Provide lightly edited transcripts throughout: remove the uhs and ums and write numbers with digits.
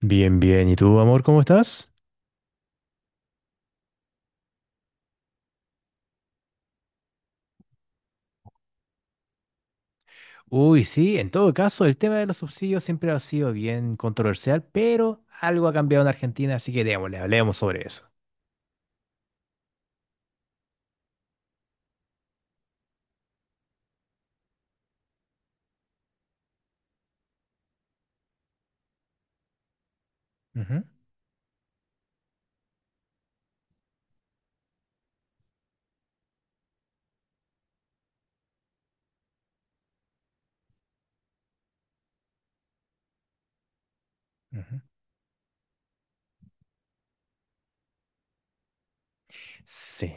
Bien, bien. ¿Y tú, amor, cómo estás? Uy, sí, en todo caso, el tema de los subsidios siempre ha sido bien controversial, pero algo ha cambiado en Argentina, así que démosle, hablemos sobre eso. Ujú, ujú. Sí,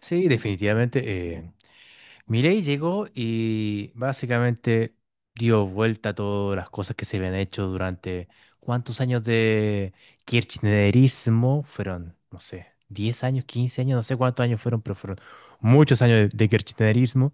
sí, definitivamente. Eh, Milei llegó y básicamente dio vuelta a todas las cosas que se habían hecho durante cuántos años de kirchnerismo fueron, no sé, 10 años, 15 años, no sé cuántos años fueron, pero fueron muchos años de kirchnerismo.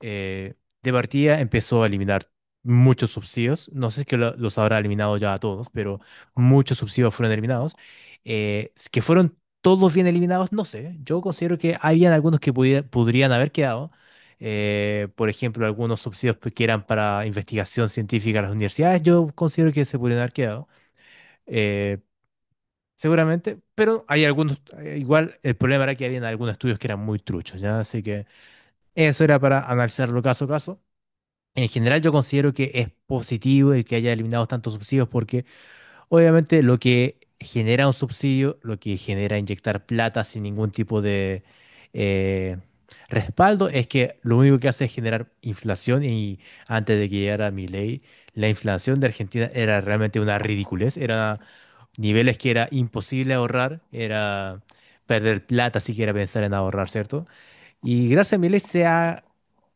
eh, de partida empezó a eliminar muchos subsidios. No sé si es que los habrá eliminado ya a todos, pero muchos subsidios fueron eliminados. Que fueron todos bien eliminados, no sé. Yo considero que habían algunos que podrían haber quedado. Por ejemplo, algunos subsidios que eran para investigación científica a las universidades, yo considero que se podrían haber quedado. Eh, Seguramente, pero hay algunos, igual el problema era que habían algunos estudios que eran muy truchos, ¿ya? Así que eso era para analizarlo caso a caso. En general yo considero que es positivo el que haya eliminado tantos subsidios porque obviamente lo que genera un subsidio, lo que genera inyectar plata sin ningún tipo de eh, respaldo, es que lo único que hace es generar inflación y antes de que llegara Milei, la inflación de Argentina era realmente una ridiculez, era niveles que era imposible ahorrar, era perder plata siquiera pensar en ahorrar, ¿cierto? Y gracias a Milei se ha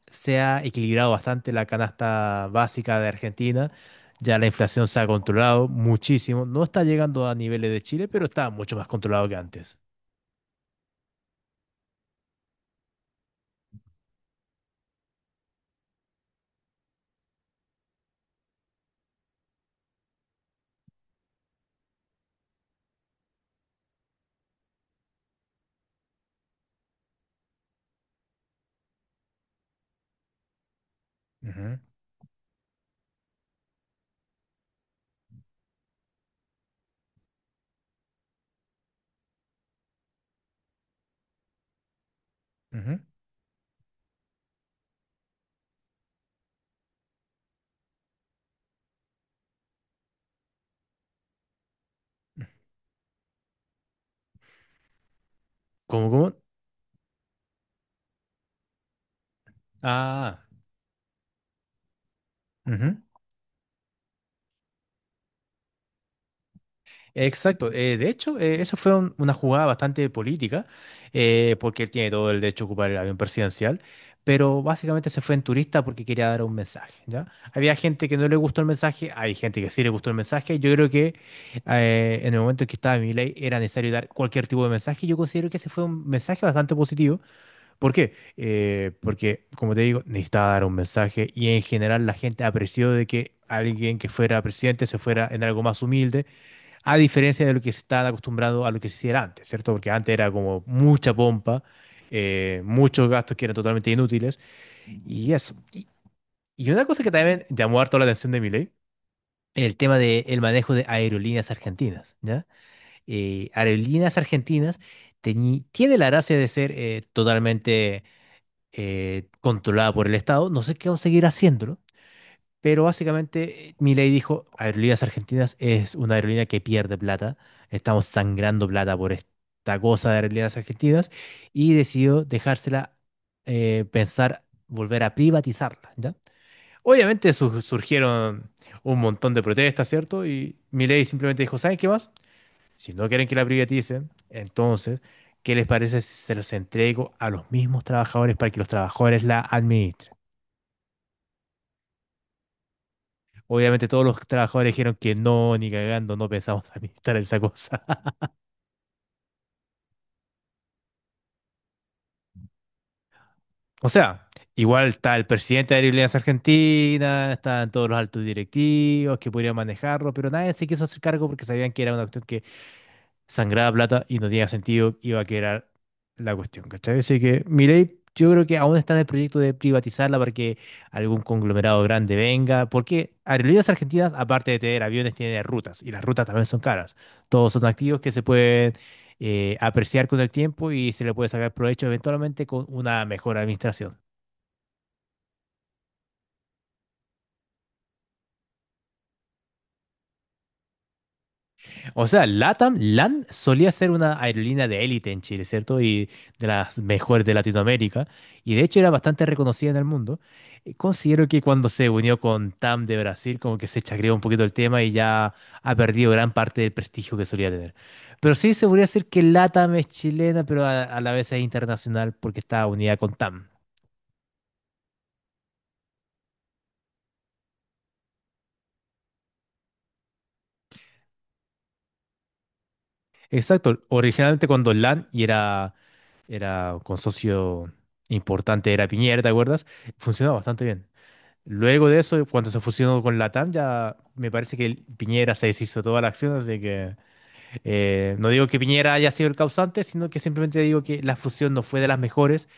se ha equilibrado bastante la canasta básica de Argentina. Ya la inflación se ha controlado muchísimo. No está llegando a niveles de Chile, pero está mucho más controlado que antes. Ujú, ujú. ¿Cómo, cómo? Ah. Ujú. Exacto. De hecho, esa fue una jugada bastante política, porque él tiene todo el derecho a ocupar el avión presidencial, pero básicamente se fue en turista porque quería dar un mensaje, ¿ya? Había gente que no le gustó el mensaje, hay gente que sí le gustó el mensaje. Yo creo que en el momento en que estaba Milei era necesario dar cualquier tipo de mensaje. Yo considero que ese fue un mensaje bastante positivo. ¿Por qué? Porque, como te digo, necesitaba dar un mensaje y en general la gente apreció de que alguien que fuera presidente se fuera en algo más humilde a diferencia de lo que se está acostumbrado a lo que se hiciera antes, ¿cierto? Porque antes era como mucha pompa, muchos gastos que eran totalmente inútiles, y eso. Y una cosa que también llamó harto la atención de Milei, el tema del manejo de Aerolíneas Argentinas, ¿ya? Aerolíneas Argentinas tiene la gracia de ser totalmente controlada por el Estado, no sé qué va a seguir haciéndolo, pero básicamente Milei dijo, Aerolíneas Argentinas es una aerolínea que pierde plata, estamos sangrando plata por esta cosa de Aerolíneas Argentinas y decidió dejársela pensar volver a privatizarla, ¿ya? Obviamente surgieron un montón de protestas, ¿cierto? Y Milei simplemente dijo, ¿saben qué más? Si no quieren que la privaticen, entonces, ¿qué les parece si se los entrego a los mismos trabajadores para que los trabajadores la administren? Obviamente todos los trabajadores dijeron que no, ni cagando, no pensamos administrar esa cosa. O sea, igual está el presidente de Aerolíneas Argentinas, están todos los altos directivos que podrían manejarlo, pero nadie se quiso hacer cargo porque sabían que era una cuestión que sangraba plata y no tenía sentido, iba a quedar la cuestión, ¿cachai? Así que Milei, yo creo que aún está en el proyecto de privatizarla para que algún conglomerado grande venga, porque Aerolíneas Argentinas, aparte de tener aviones, tiene rutas, y las rutas también son caras. Todos son activos que se pueden apreciar con el tiempo y se le puede sacar provecho eventualmente con una mejor administración. O sea, LATAM, LAN solía ser una aerolínea de élite en Chile, ¿cierto? Y de las mejores de Latinoamérica. Y de hecho era bastante reconocida en el mundo. Considero que cuando se unió con TAM de Brasil, como que se chacreó un poquito el tema y ya ha perdido gran parte del prestigio que solía tener. Pero sí se podría decir que LATAM es chilena, pero a la vez es internacional porque está unida con TAM. Exacto. Originalmente cuando LAN y era, era con socio importante, era Piñera, ¿te acuerdas? Funcionaba bastante bien. Luego de eso, cuando se fusionó con Latam, ya me parece que Piñera se deshizo toda la acción, así que no digo que Piñera haya sido el causante, sino que simplemente digo que la fusión no fue de las mejores,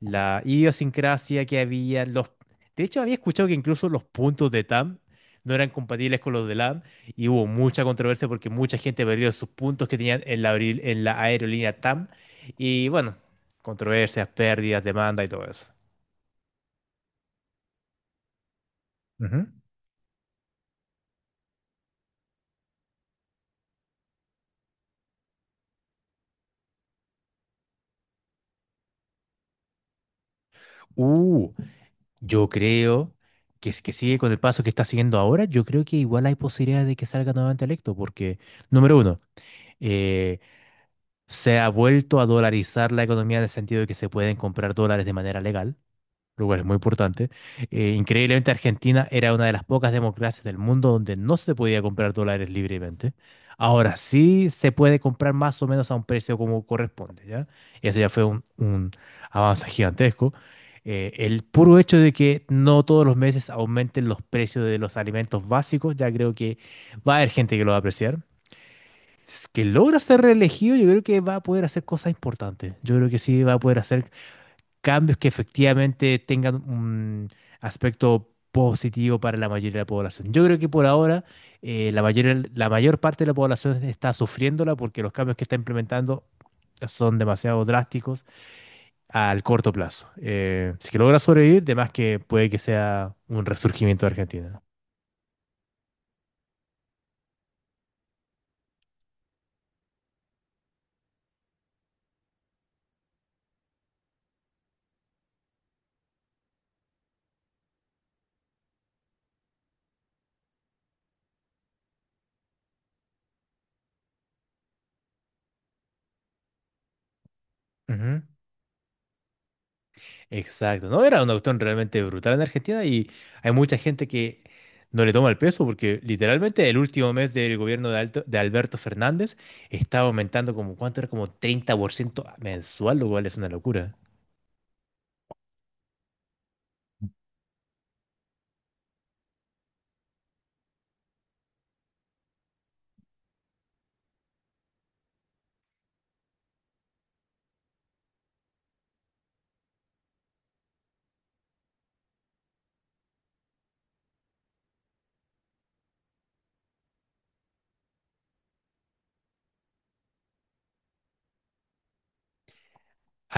la idiosincrasia que había, los... De hecho, había escuchado que incluso los puntos de TAM no eran compatibles con los de LAM y hubo mucha controversia porque mucha gente perdió sus puntos que tenían en en la aerolínea TAM y bueno, controversias, pérdidas, demanda y todo eso. Ujú. Uh, Yo creo que si que sigue con el paso que está siguiendo ahora, yo creo que igual hay posibilidades de que salga nuevamente electo, porque, número uno, eh, se ha vuelto a dolarizar la economía en el sentido de que se pueden comprar dólares de manera legal lugar es muy importante. Increíblemente, Argentina era una de las pocas democracias del mundo donde no se podía comprar dólares libremente. Ahora sí se puede comprar más o menos a un precio como corresponde, ¿ya? Eso ya fue un avance gigantesco. El puro hecho de que no todos los meses aumenten los precios de los alimentos básicos, ya creo que va a haber gente que lo va a apreciar. Si es que logra ser reelegido, yo creo que va a poder hacer cosas importantes. Yo creo que sí va a poder hacer cambios que efectivamente tengan un aspecto positivo para la mayoría de la población. Yo creo que por ahora la mayor parte de la población está sufriéndola porque los cambios que está implementando son demasiado drásticos al corto plazo. Si que logra sobrevivir, de más que puede que sea un resurgimiento de Argentina. Ujú. Exacto, no, era una cuestión realmente brutal en Argentina y hay mucha gente que no le toma el peso porque literalmente el último mes del gobierno de Alberto Fernández estaba aumentando como, ¿cuánto era? Como 30% mensual, lo cual es una locura.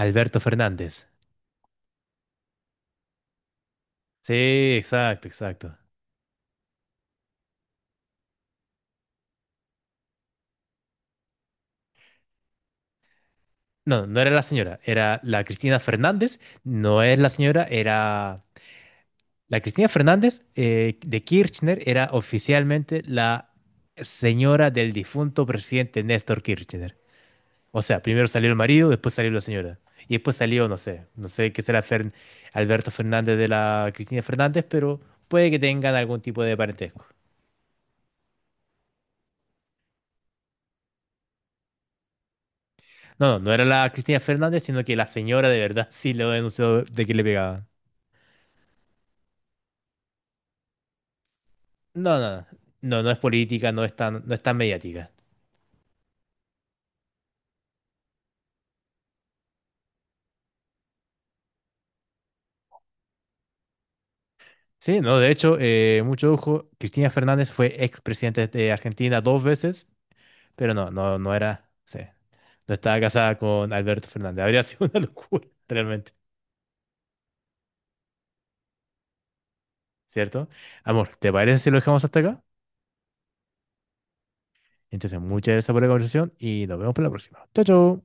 Alberto Fernández. Sí, exacto, exacto. No, no era la señora, era la Cristina Fernández, no es la señora, era... La Cristina Fernández de Kirchner era oficialmente la señora del difunto presidente Néstor Kirchner. O sea, primero salió el marido, después salió la señora. Y después salió, no sé, no sé qué será Alberto Fernández de la Cristina Fernández, pero puede que tengan algún tipo de parentesco. No, no, no era la Cristina Fernández, sino que la señora de verdad sí lo denunció de que le pegaban. No, no, no, no es política, no es tan mediática. Sí, no, de hecho, mucho ojo, Cristina Fernández fue expresidente de Argentina dos veces, pero no, no, no era, sí, no estaba casada con Alberto Fernández. Habría sido una locura, realmente. ¿Cierto? Amor, ¿te parece si lo dejamos hasta acá? Entonces, muchas gracias por la conversación y nos vemos para la próxima. Chao, chao.